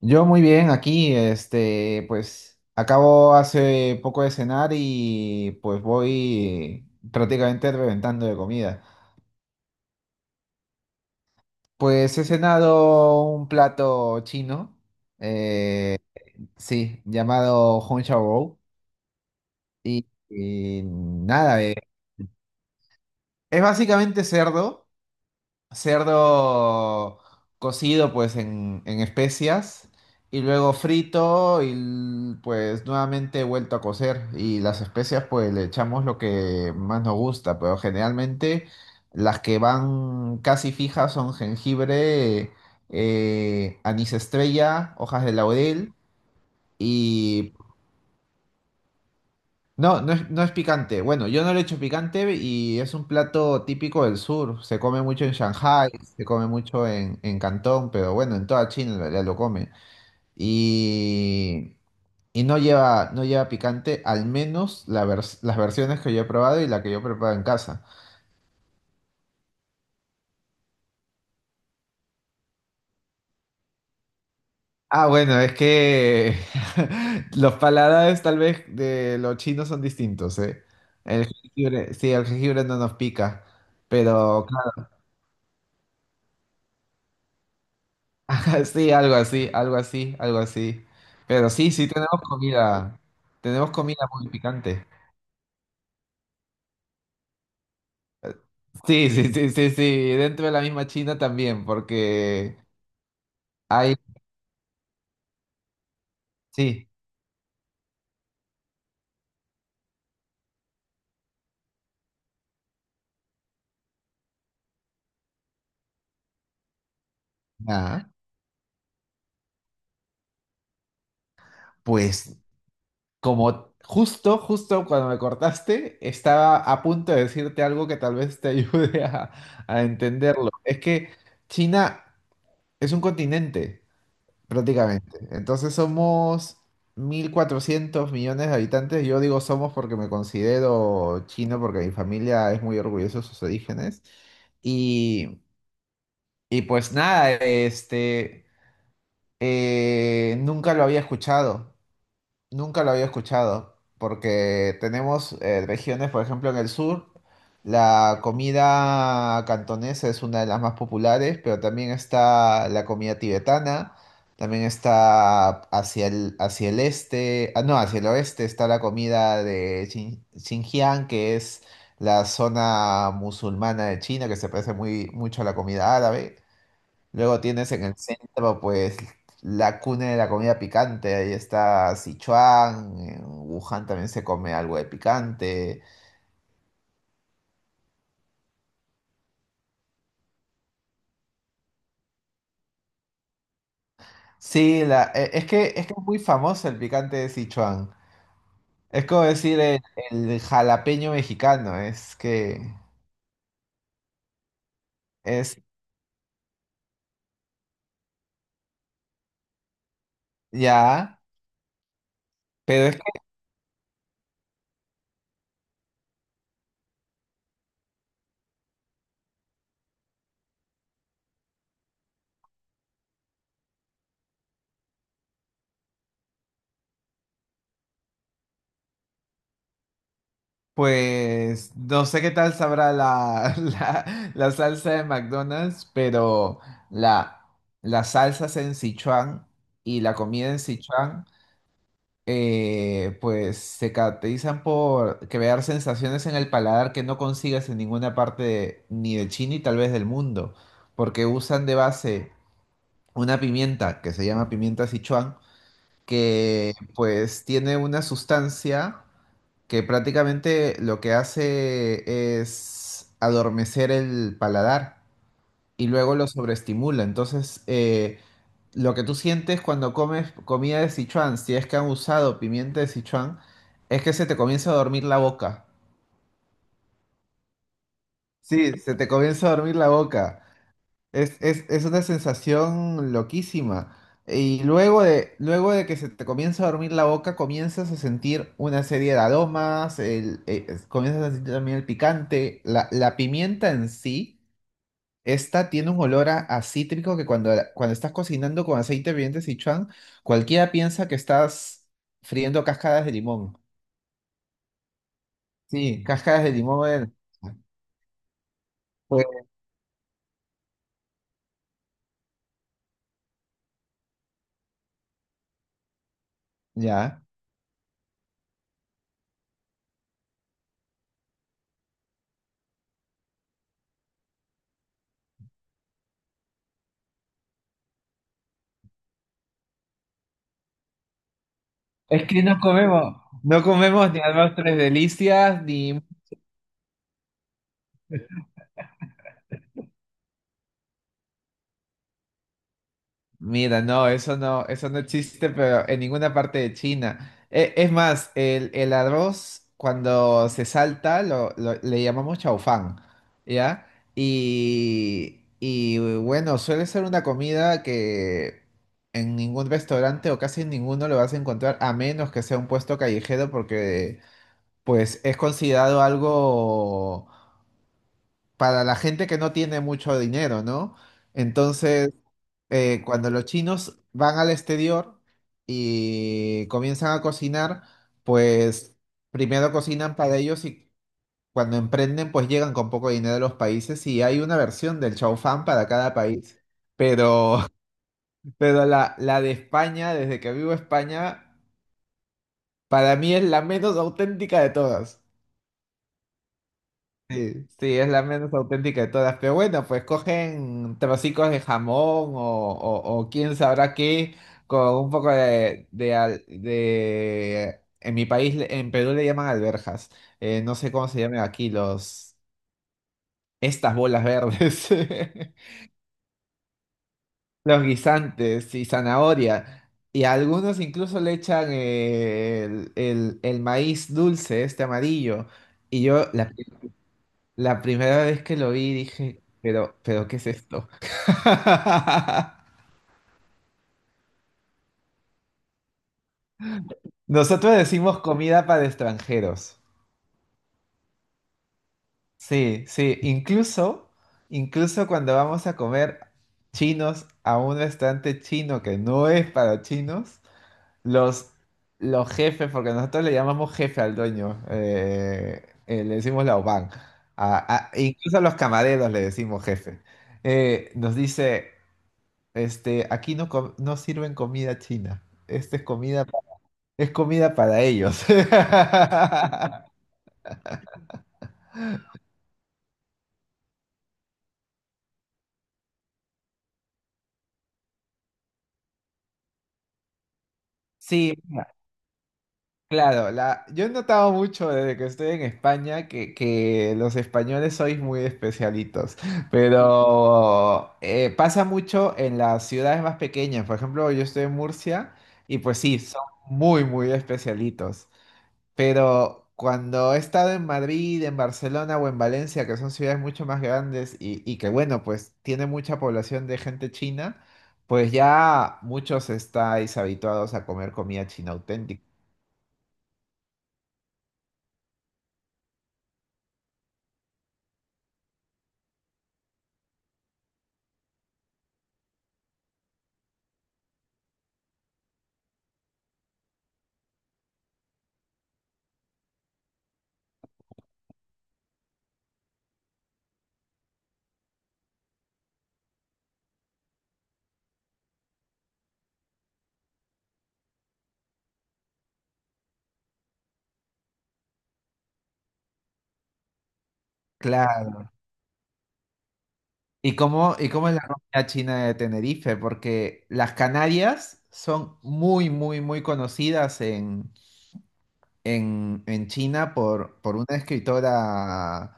Yo muy bien, aquí, este, pues acabo hace poco de cenar y pues voy prácticamente reventando de comida. Pues he cenado un plato chino, eh, sí, llamado Hong Shao Rou, y nada, es básicamente cerdo. Cerdo cocido pues en especias y luego frito y pues nuevamente vuelto a cocer, y las especias pues le echamos lo que más nos gusta, pero generalmente las que van casi fijas son jengibre, anís estrella, hojas de laurel y no es picante. Bueno, yo no le echo picante y es un plato típico del sur. Se come mucho en Shanghái, se come mucho en Cantón, pero bueno, en toda China en realidad lo comen. Y, no lleva picante, al menos la las versiones que yo he probado y la que yo preparo en casa. Ah, bueno, es que los paladares tal vez de los chinos son distintos, ¿eh? El jengibre, sí, el jengibre no nos pica, pero sí, algo así, algo así, algo así. Pero sí, sí tenemos comida. Tenemos comida muy picante. Sí, sí, sí, sí, sí. Dentro de la misma China también, porque hay, sí. Ah, pues como justo, justo cuando me cortaste, estaba a punto de decirte algo que tal vez te a entenderlo. Es que China es un continente. Prácticamente. Entonces somos 1.400 millones de habitantes. Yo digo somos porque me considero chino, porque mi familia es muy orgullosa de sus orígenes. Y, y pues nada, este, nunca lo había escuchado. Nunca lo había escuchado, porque tenemos regiones, por ejemplo, en el sur, la comida cantonesa es una de las más populares, pero también está la comida tibetana, también está hacia el este, ah, no, hacia el oeste está la comida de Xinjiang, que es la zona musulmana de China, que se parece mucho a la comida árabe. Luego tienes en el centro, pues, la cuna de la comida picante. Ahí está Sichuan, en Wuhan también se come algo de picante. Sí, la, es que es muy famoso el picante de Sichuan. Es como decir el jalapeño mexicano, es que es ya, pero es que, pues, no sé qué tal sabrá la salsa de McDonald's, pero la, las salsas en Sichuan y la comida en Sichuan. Pues se caracterizan por crear sensaciones en el paladar que no consigues en ninguna parte ni de China y tal vez del mundo, porque usan de base una pimienta que se llama pimienta Sichuan, que pues tiene una sustancia que prácticamente lo que hace es adormecer el paladar y luego lo sobreestimula. Entonces, lo que tú sientes cuando comes comida de Sichuan, si es que han usado pimienta de Sichuan, es que se te comienza a dormir la boca. Sí, se te comienza a dormir la boca. Es una sensación loquísima. Y luego de que se te comienza a dormir la boca, comienzas a sentir una serie de aromas, comienzas a sentir también el picante, la pimienta en sí. Esta tiene un olor a cítrico que cuando estás cocinando con aceite de Sichuan, cualquiera piensa que estás friendo cascadas de limón. Sí, cascadas de limón. Pues, ya. Es que no comemos, no comemos ni almendras delicias, ni mira, eso no existe, pero en ninguna parte de China. Es más, el arroz cuando se salta le llamamos chaufán, ¿ya? Y bueno, suele ser una comida que en ningún restaurante o casi en ninguno lo vas a encontrar, a menos que sea un puesto callejero, porque pues es considerado algo para la gente que no tiene mucho dinero, ¿no? Entonces cuando los chinos van al exterior y comienzan a cocinar, pues primero cocinan para ellos, y cuando emprenden, pues llegan con poco dinero a los países y hay una versión del chow fan para cada país. Pero, pero la de España, desde que vivo en España, para mí es la menos auténtica de todas. Sí, sí, es la menos auténtica de todas. Pero bueno, pues cogen trocitos de jamón o quién sabrá qué, con un poco en mi país, en Perú le llaman alberjas. No sé cómo se llaman aquí los... estas bolas verdes. Los guisantes y zanahoria. Y a algunos incluso le echan el maíz dulce, este amarillo. Y yo, la la primera vez que lo vi dije, pero ¿qué es esto? Nosotros decimos comida para extranjeros. Sí, sí, incluso, incluso cuando vamos a comer chinos a un restaurante chino que no es para chinos, los, los jefes, porque nosotros le llamamos jefe al dueño, le decimos laoban, e incluso a los camareros le decimos jefe, nos dice... este, aquí no, no sirven comida china. Esta es comida, es comida para ellos. Sí, claro. La, yo he notado mucho desde que estoy en España que los españoles sois muy especialitos, pero pasa mucho en las ciudades más pequeñas. Por ejemplo, yo estoy en Murcia y pues sí, son muy, muy especialitos. Pero cuando he estado en Madrid, en Barcelona o en Valencia, que son ciudades mucho más grandes y que, bueno, pues tiene mucha población de gente china, pues ya muchos estáis habituados a comer comida china auténtica. Claro. Y cómo es la comida china de Tenerife? Porque las Canarias son muy, muy, muy conocidas en en China por una escritora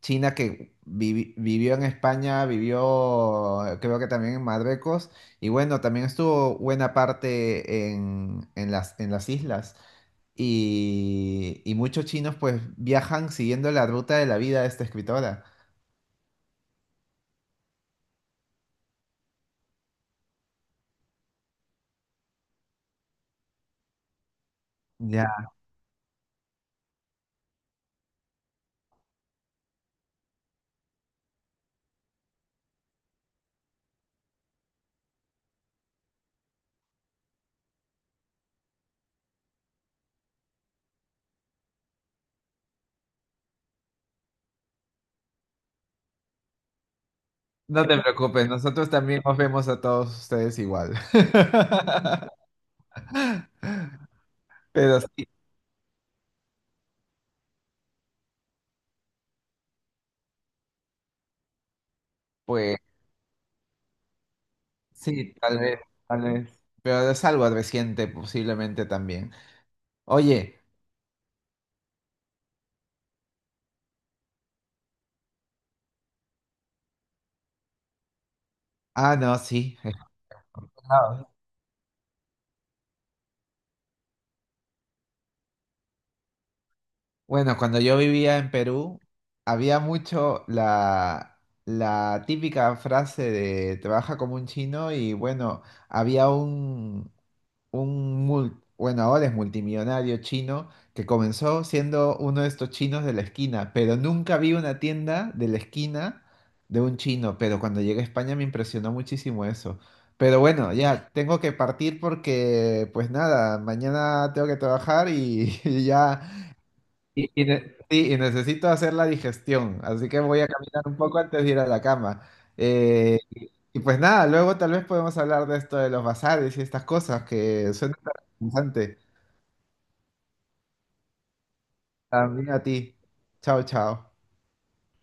china que vivió en España, vivió creo que también en Marruecos y bueno, también estuvo buena parte en las islas. Y muchos chinos pues viajan siguiendo la ruta de la vida de esta escritora. Ya. No te preocupes, nosotros también os vemos a todos ustedes igual. Pero sí, pues. Sí, tal vez, tal vez. Pero es algo reciente, posiblemente también. Oye, ah, no, sí. Es verdad. Bueno, cuando yo vivía en Perú, había mucho la típica frase de trabaja como un chino, y bueno, había bueno, ahora es multimillonario chino, que comenzó siendo uno de estos chinos de la esquina, pero nunca vi una tienda de la esquina de un chino, pero cuando llegué a España me impresionó muchísimo eso. Pero bueno, ya tengo que partir porque, pues nada, mañana tengo que trabajar y, y ya sí, y necesito hacer la digestión, así que voy a caminar un poco antes de ir a la cama. Eh, y pues nada, luego tal vez podemos hablar de esto de los bazares y estas cosas que suena tan interesante. También a ti. Chao, chao.